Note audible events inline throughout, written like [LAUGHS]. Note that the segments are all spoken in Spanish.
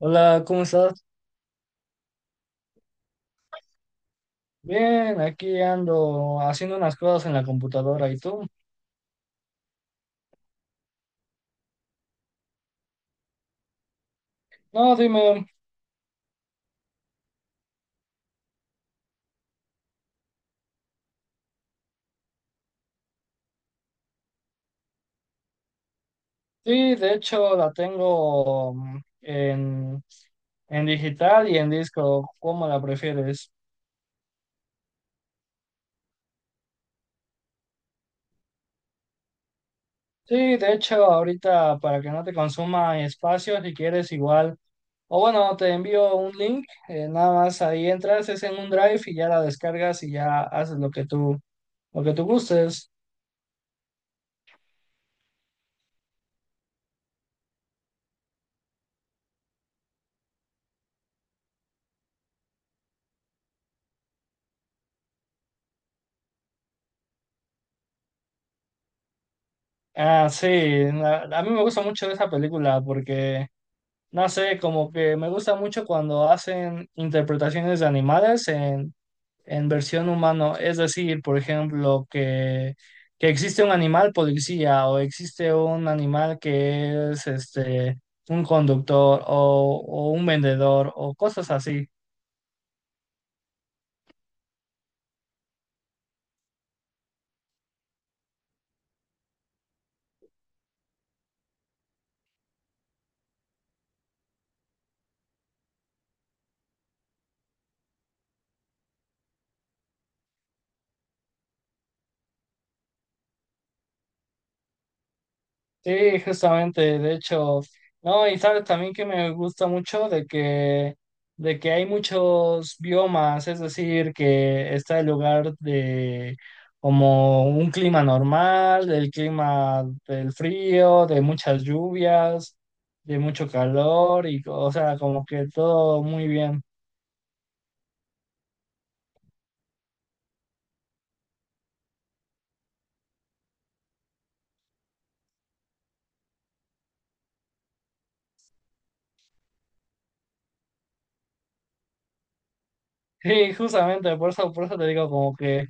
Hola, ¿cómo estás? Bien, aquí ando haciendo unas cosas en la computadora. ¿Y tú? No, dime. Sí, de hecho la tengo en digital y en disco. ¿Cómo la prefieres? Sí, de hecho ahorita para que no te consuma espacio, si quieres igual. O bueno, te envío un link. Nada más ahí entras, es en un drive y ya la descargas y ya haces lo que tú gustes. Ah, sí, a mí me gusta mucho esa película porque... No sé, como que me gusta mucho cuando hacen interpretaciones de animales en versión humano. Es decir, por ejemplo, que existe un animal policía o existe un animal que es este un conductor o un vendedor o cosas así. Sí, justamente, de hecho, no, y sabes también que me gusta mucho de que hay muchos biomas, es decir, que está el lugar de como un clima normal, del clima del frío, de muchas lluvias, de mucho calor, y o sea, como que todo muy bien. [LAUGHS] Sí, justamente, por eso te digo como que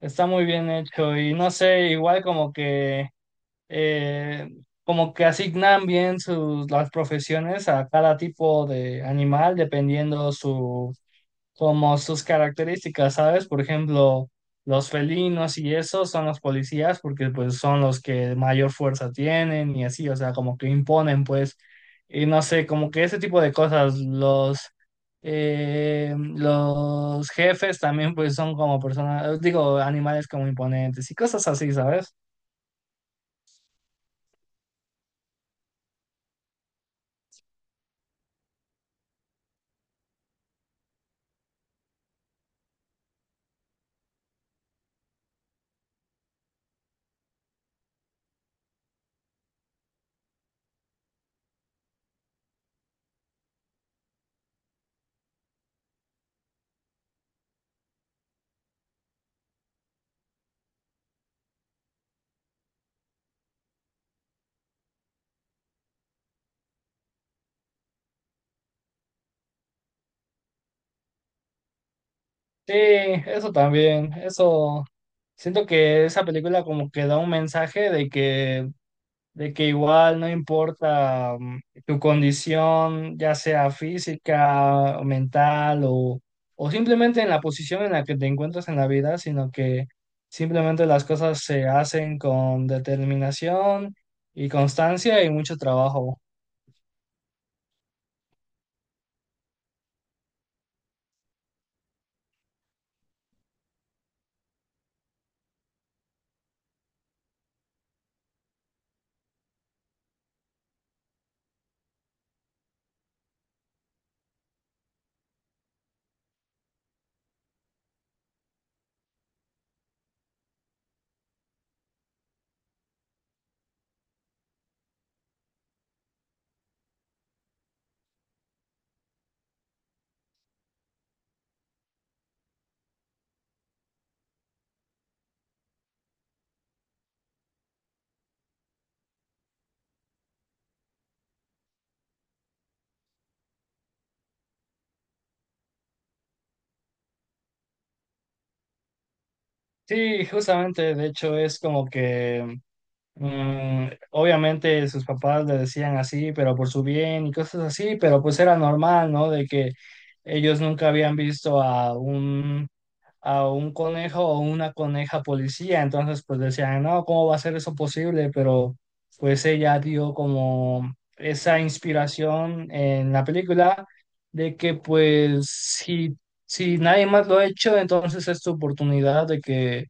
está muy bien hecho, y no sé, igual eh, como que asignan bien las profesiones a cada tipo de animal dependiendo su, como sus características, ¿sabes? Por ejemplo, los felinos y eso son los policías porque pues son los que mayor fuerza tienen y así, o sea, como que imponen pues, y no sé, como que ese tipo de cosas, los jefes también pues son como personas, digo, animales como imponentes y cosas así, ¿sabes? Sí, eso también, eso siento que esa película como que da un mensaje de que igual no importa tu condición, ya sea física, o mental, o simplemente en la posición en la que te encuentras en la vida, sino que simplemente las cosas se hacen con determinación y constancia y mucho trabajo. Sí, justamente, de hecho es como que mm, obviamente sus papás le decían así, pero por su bien y cosas así, pero pues era normal, ¿no? De que ellos nunca habían visto a a un conejo o una coneja policía, entonces pues decían, no, ¿cómo va a ser eso posible? Pero pues ella dio como esa inspiración en la película de que pues si nadie más lo ha hecho, entonces es tu oportunidad de que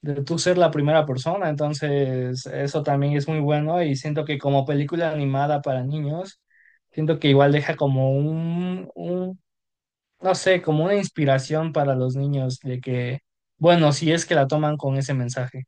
de tú ser la primera persona, entonces eso también es muy bueno y siento que como película animada para niños, siento que igual deja como un, no sé, como una inspiración para los niños de que, bueno, si es que la toman con ese mensaje.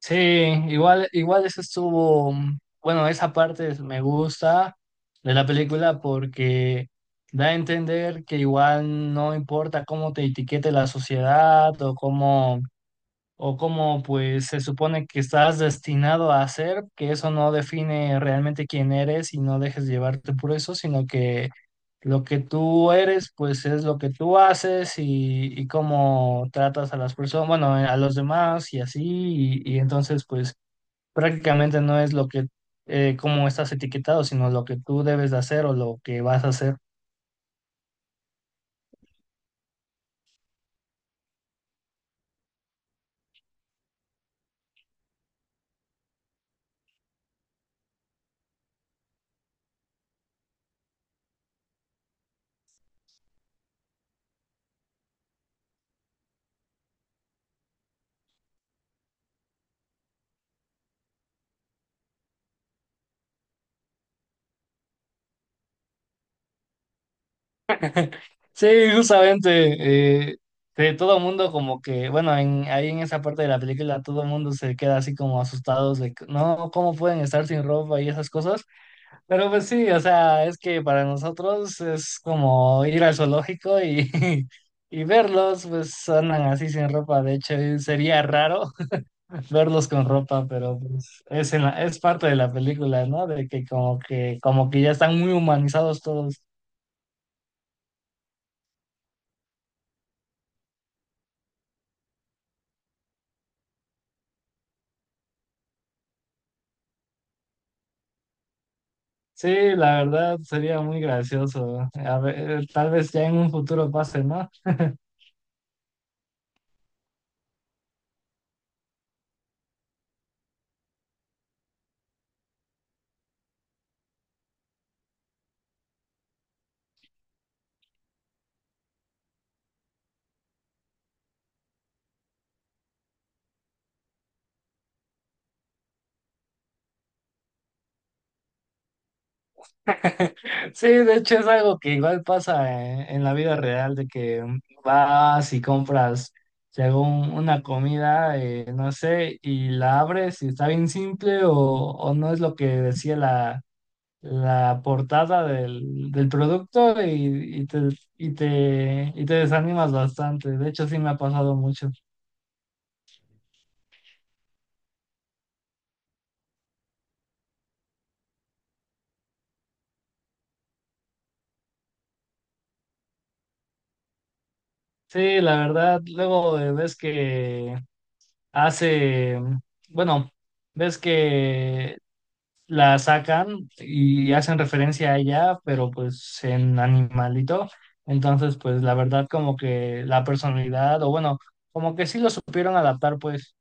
Sí, igual, igual eso estuvo, mm, bueno, esa parte me gusta de la película porque da a entender que igual no importa cómo te etiquete la sociedad o cómo pues se supone que estás destinado a hacer, que eso no define realmente quién eres y no dejes llevarte por eso, sino que lo que tú eres pues es lo que tú haces y cómo tratas a las personas, bueno, a los demás y así, y entonces pues prácticamente no es lo que, cómo estás etiquetado, sino lo que tú debes de hacer o lo que vas a hacer. Sí, justamente, que todo el mundo como que, bueno, ahí en esa parte de la película todo el mundo se queda así como asustados de, que, no, ¿cómo pueden estar sin ropa y esas cosas? Pero pues sí, o sea, es que para nosotros es como ir al zoológico y, [LAUGHS] y verlos, pues andan así sin ropa, de hecho y sería raro [LAUGHS] verlos con ropa, pero pues es, es parte de la película, ¿no? De que como que, como que ya están muy humanizados todos. Sí, la verdad sería muy gracioso. A ver, tal vez ya en un futuro pase, ¿no? [LAUGHS] Sí, de hecho es algo que igual pasa en la vida real, de que vas y compras, si hago una comida, no sé, y la abres y está bien simple o no es lo que decía la portada del producto y, y te desanimas bastante. De hecho, sí me ha pasado mucho. Sí, la verdad, luego ves que hace, bueno, ves que la sacan y hacen referencia a ella, pero pues en animalito. Entonces, pues la verdad como que la personalidad, o bueno, como que sí lo supieron adaptar, pues,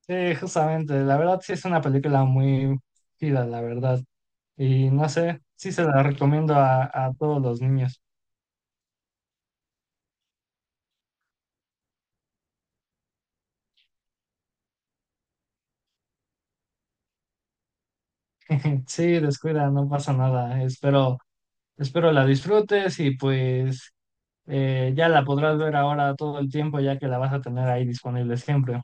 sí, justamente, la verdad sí es una película muy chida, la verdad. Y no sé, sí se la recomiendo a todos los niños. [LAUGHS] Sí, descuida, no pasa nada. Espero, espero la disfrutes y pues... ya la podrás ver ahora todo el tiempo, ya que la vas a tener ahí disponible siempre.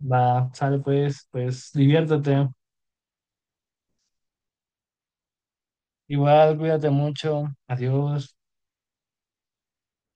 Va, sale pues, pues diviértete. Igual, cuídate mucho. Adiós.